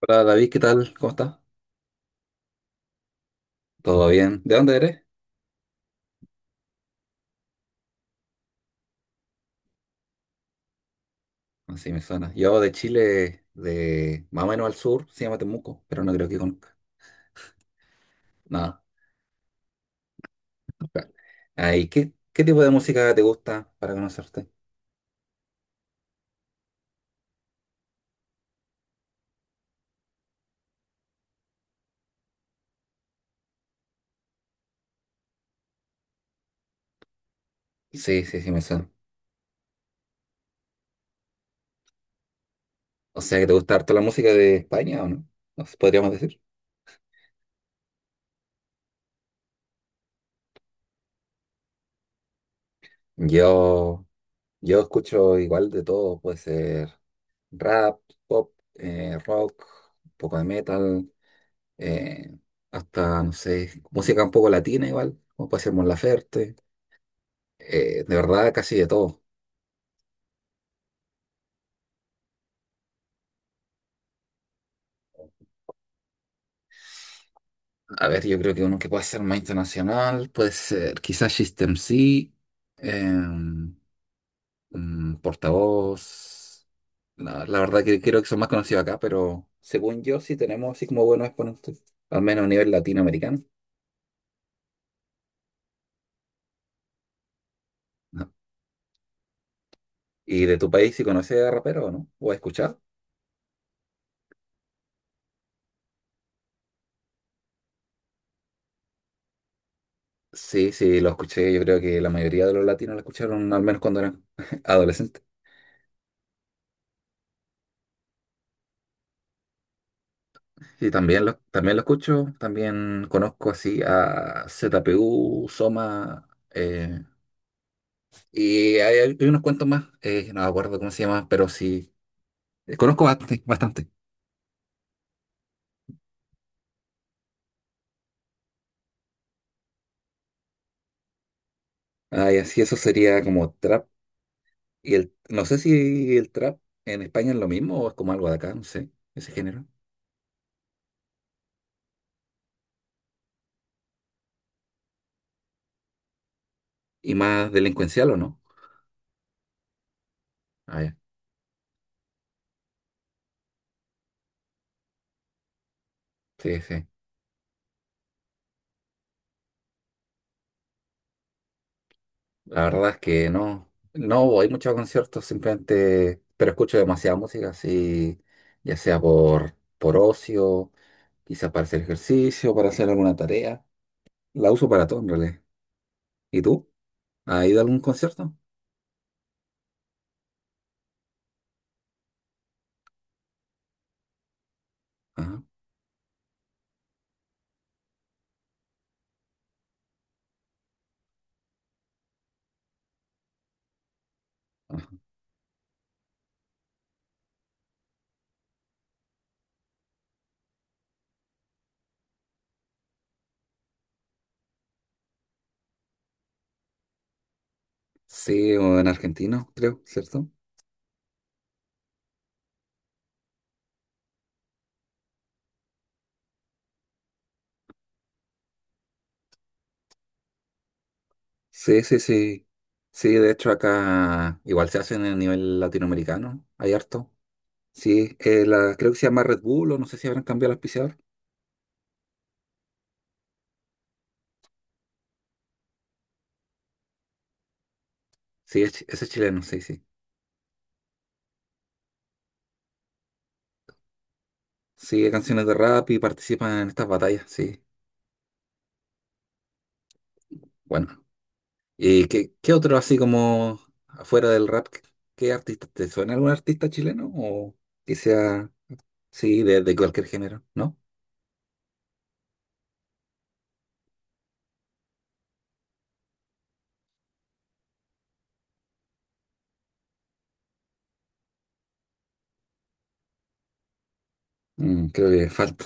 Hola David, ¿qué tal? ¿Cómo estás? ¿Todo bien? ¿De dónde eres? Así me suena. Yo de Chile, de más o menos al sur, se llama Temuco, pero no creo que conozca nada. Ahí, ¿qué tipo de música te gusta para conocerte? Sí, sí, sí, me suena. O sea, que te gusta harto la música de España, ¿o no? Nos podríamos decir. Yo, yo escucho igual de todo, puede ser rap, pop, rock, un poco de metal, eh, hasta, no sé, música un poco latina igual, como puede ser Mon Laferte. De verdad, casi de todo. A ver, yo creo que uno que puede ser más internacional puede ser quizás System C, em, portavoz. La verdad que creo que son más conocidos acá, pero según yo sí tenemos así como buenos exponentes, al menos a nivel latinoamericano. ¿No? ¿Y de tu país si conoces a rapero o no? ¿O has escuchado? Sí, sí, lo escuché. Yo creo que la mayoría de los latinos lo escucharon al menos cuando eran adolescentes. Sí, también lo escucho, también conozco así a ZPU Soma, y hay unos cuantos más, no me acuerdo cómo se llama, pero sí, conozco bastante, bastante. Ah, y así eso sería como trap, y el, no sé si el trap en España es lo mismo o es como algo de acá, no sé, ese género. Y más delincuencial o no. Ah, ya, sí, sí. La verdad es que no, no voy mucho a conciertos, simplemente, pero escucho demasiada música, así, ya sea por ocio, quizás para hacer ejercicio, para hacer alguna tarea. La uso para todo en realidad. ¿Y tú? ¿Has ido a algún concierto? Ajá, ajá. Sí, o en argentino, creo, ¿cierto? Sí, sí, sí. Sí, de hecho acá igual se hacen a nivel latinoamericano, hay harto. Sí, la, creo que se llama Red Bull, o no sé si habrán cambiado el auspiciador. Sí, es chi- ese es chileno, sí, sí. Sí, canciones de rap y participan en estas batallas, sí. Bueno, ¿y qué otro así como afuera del rap? ¿Qué, qué artista? ¿Te suena algún artista chileno? ¿O que sea, sí, de cualquier género? ¿No? Mm, creo que falta.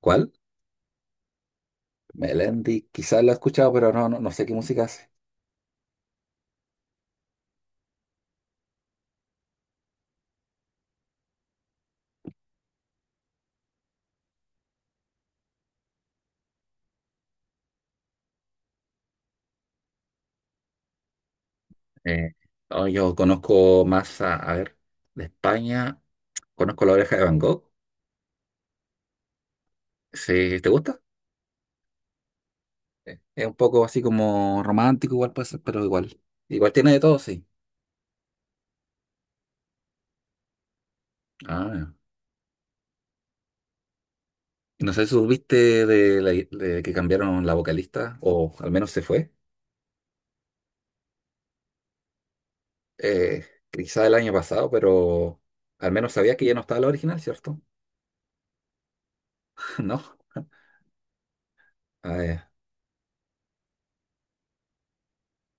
¿Cuál? Melendi, quizás lo he escuchado, pero no, no, no sé qué música hace. Eh, no, yo conozco más a ver, de España, conozco La Oreja de Van Gogh. Sí, ¿te gusta? Es un poco así como romántico, igual puede ser, pero igual. Igual tiene de todo, sí. Ah, y no sé si supiste de, la- de que cambiaron la vocalista, o al menos se fue, quizá el año pasado, pero al menos sabías que ya no estaba la original, ¿cierto? ¿No? Ah, ya.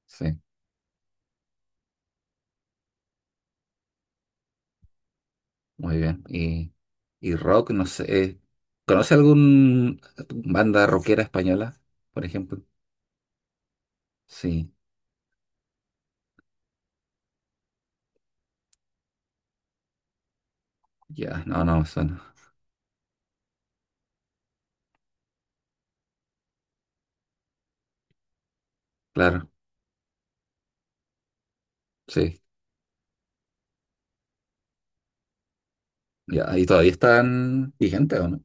Sí, muy bien. Y rock, no sé, ¿conoce algún banda rockera española, por ejemplo? Sí, ya, no, no, suena. Claro, sí, ya. ¿Y todavía están vigentes o no?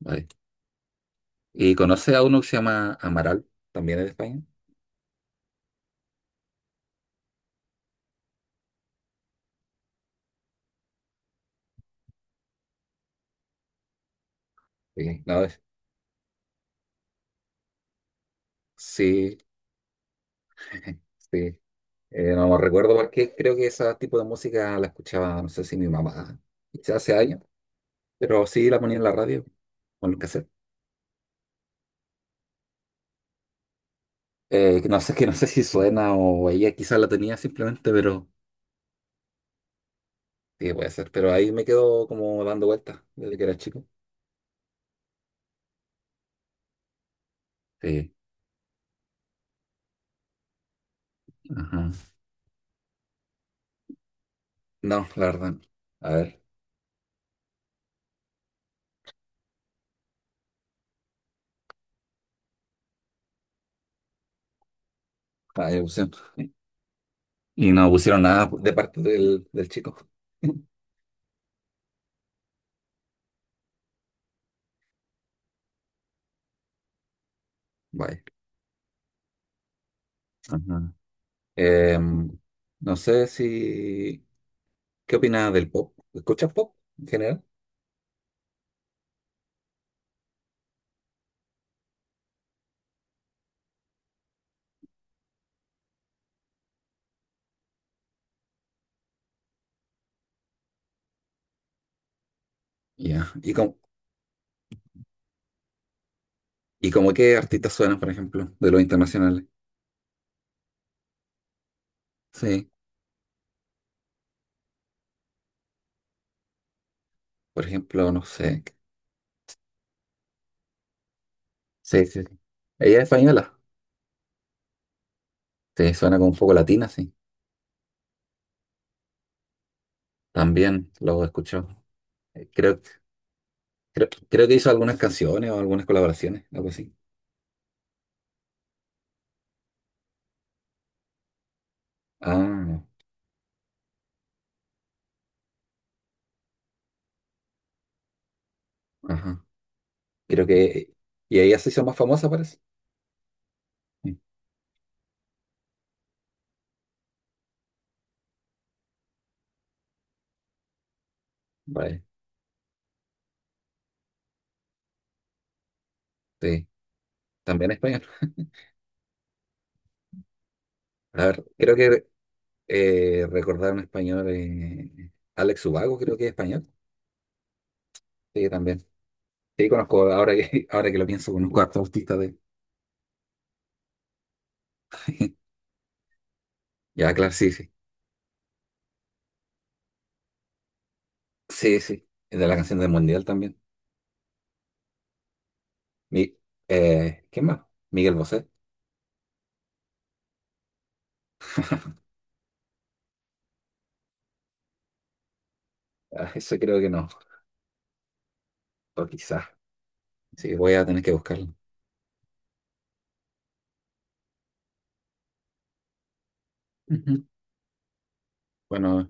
Vale. ¿Y conoce a uno que se llama Amaral, también es de España? Sí, no, es- sí, sí. No, no recuerdo por qué, creo que ese tipo de música la escuchaba, no sé si mi mamá, quizás hace años, pero sí la ponía en la radio, o en el cassette. Que no sé, que no sé si suena o ella quizás la tenía simplemente, pero sí, puede ser, pero ahí me quedo como dando vueltas desde que era chico. Sí, ajá. No, la verdad, no. A ver, ahí pusieron. Y no pusieron nada de parte del, del chico. Vaya. Ajá. Em, no sé si… ¿Qué opinas del pop? ¿Escuchas pop en general? Ya. ¿Y como qué artistas suenan, por ejemplo, de los internacionales? Sí. Por ejemplo, no sé. Sí, sí, sí. Ella es española. Sí, suena como un poco latina, sí. También lo he escuchado. Eh, Creo, Creo que hizo algunas canciones o algunas colaboraciones, algo así. Ah, ajá. Creo que. Y ella se hizo más famosa, parece. Sí. Vale. Sí. También español. A ver, creo que recordar un español. Alex Ubago, creo que es español. Sí, también. Sí, conozco, ahora que, ahora que lo pienso, conozco a hartos artistas de… Ya, claro, sí, sí. Sí, sí. De la canción del Mundial también. Mi, ¿Quién más? Miguel Bosé. Ah, eso creo que no. O quizás. Sí, voy a tener que buscarlo. Ujú. Bueno,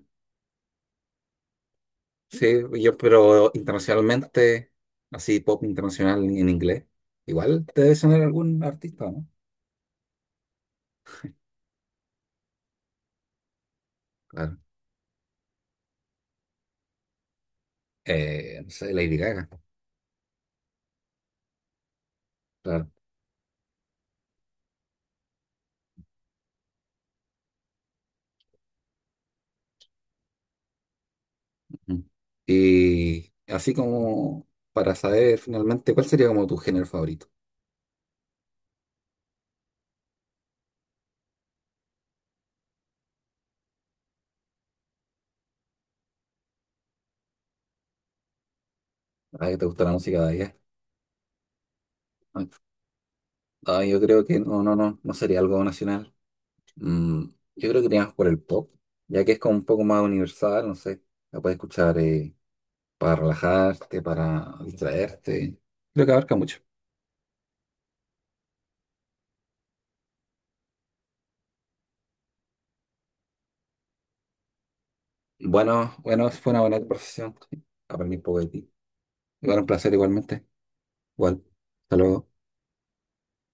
sí, yo, pero internacionalmente, así pop internacional en inglés. Igual te debe sonar algún artista, ¿no? Claro. No sé, Lady Gaga. Claro. Mm. Y así como para saber finalmente cuál sería como tu género favorito. Ah, que te gusta la música de allá. Ah, ah, yo creo que no, no, no, no sería algo nacional. Mm, yo creo que iríamos por el pop, ya que es como un poco más universal, no sé. La puedes escuchar para relajarte, para distraerte. Creo que abarca mucho. Bueno, bueno, fue una buena conversación. Aprendí un poco de ti. Igual un placer igualmente. Igual. Hasta luego.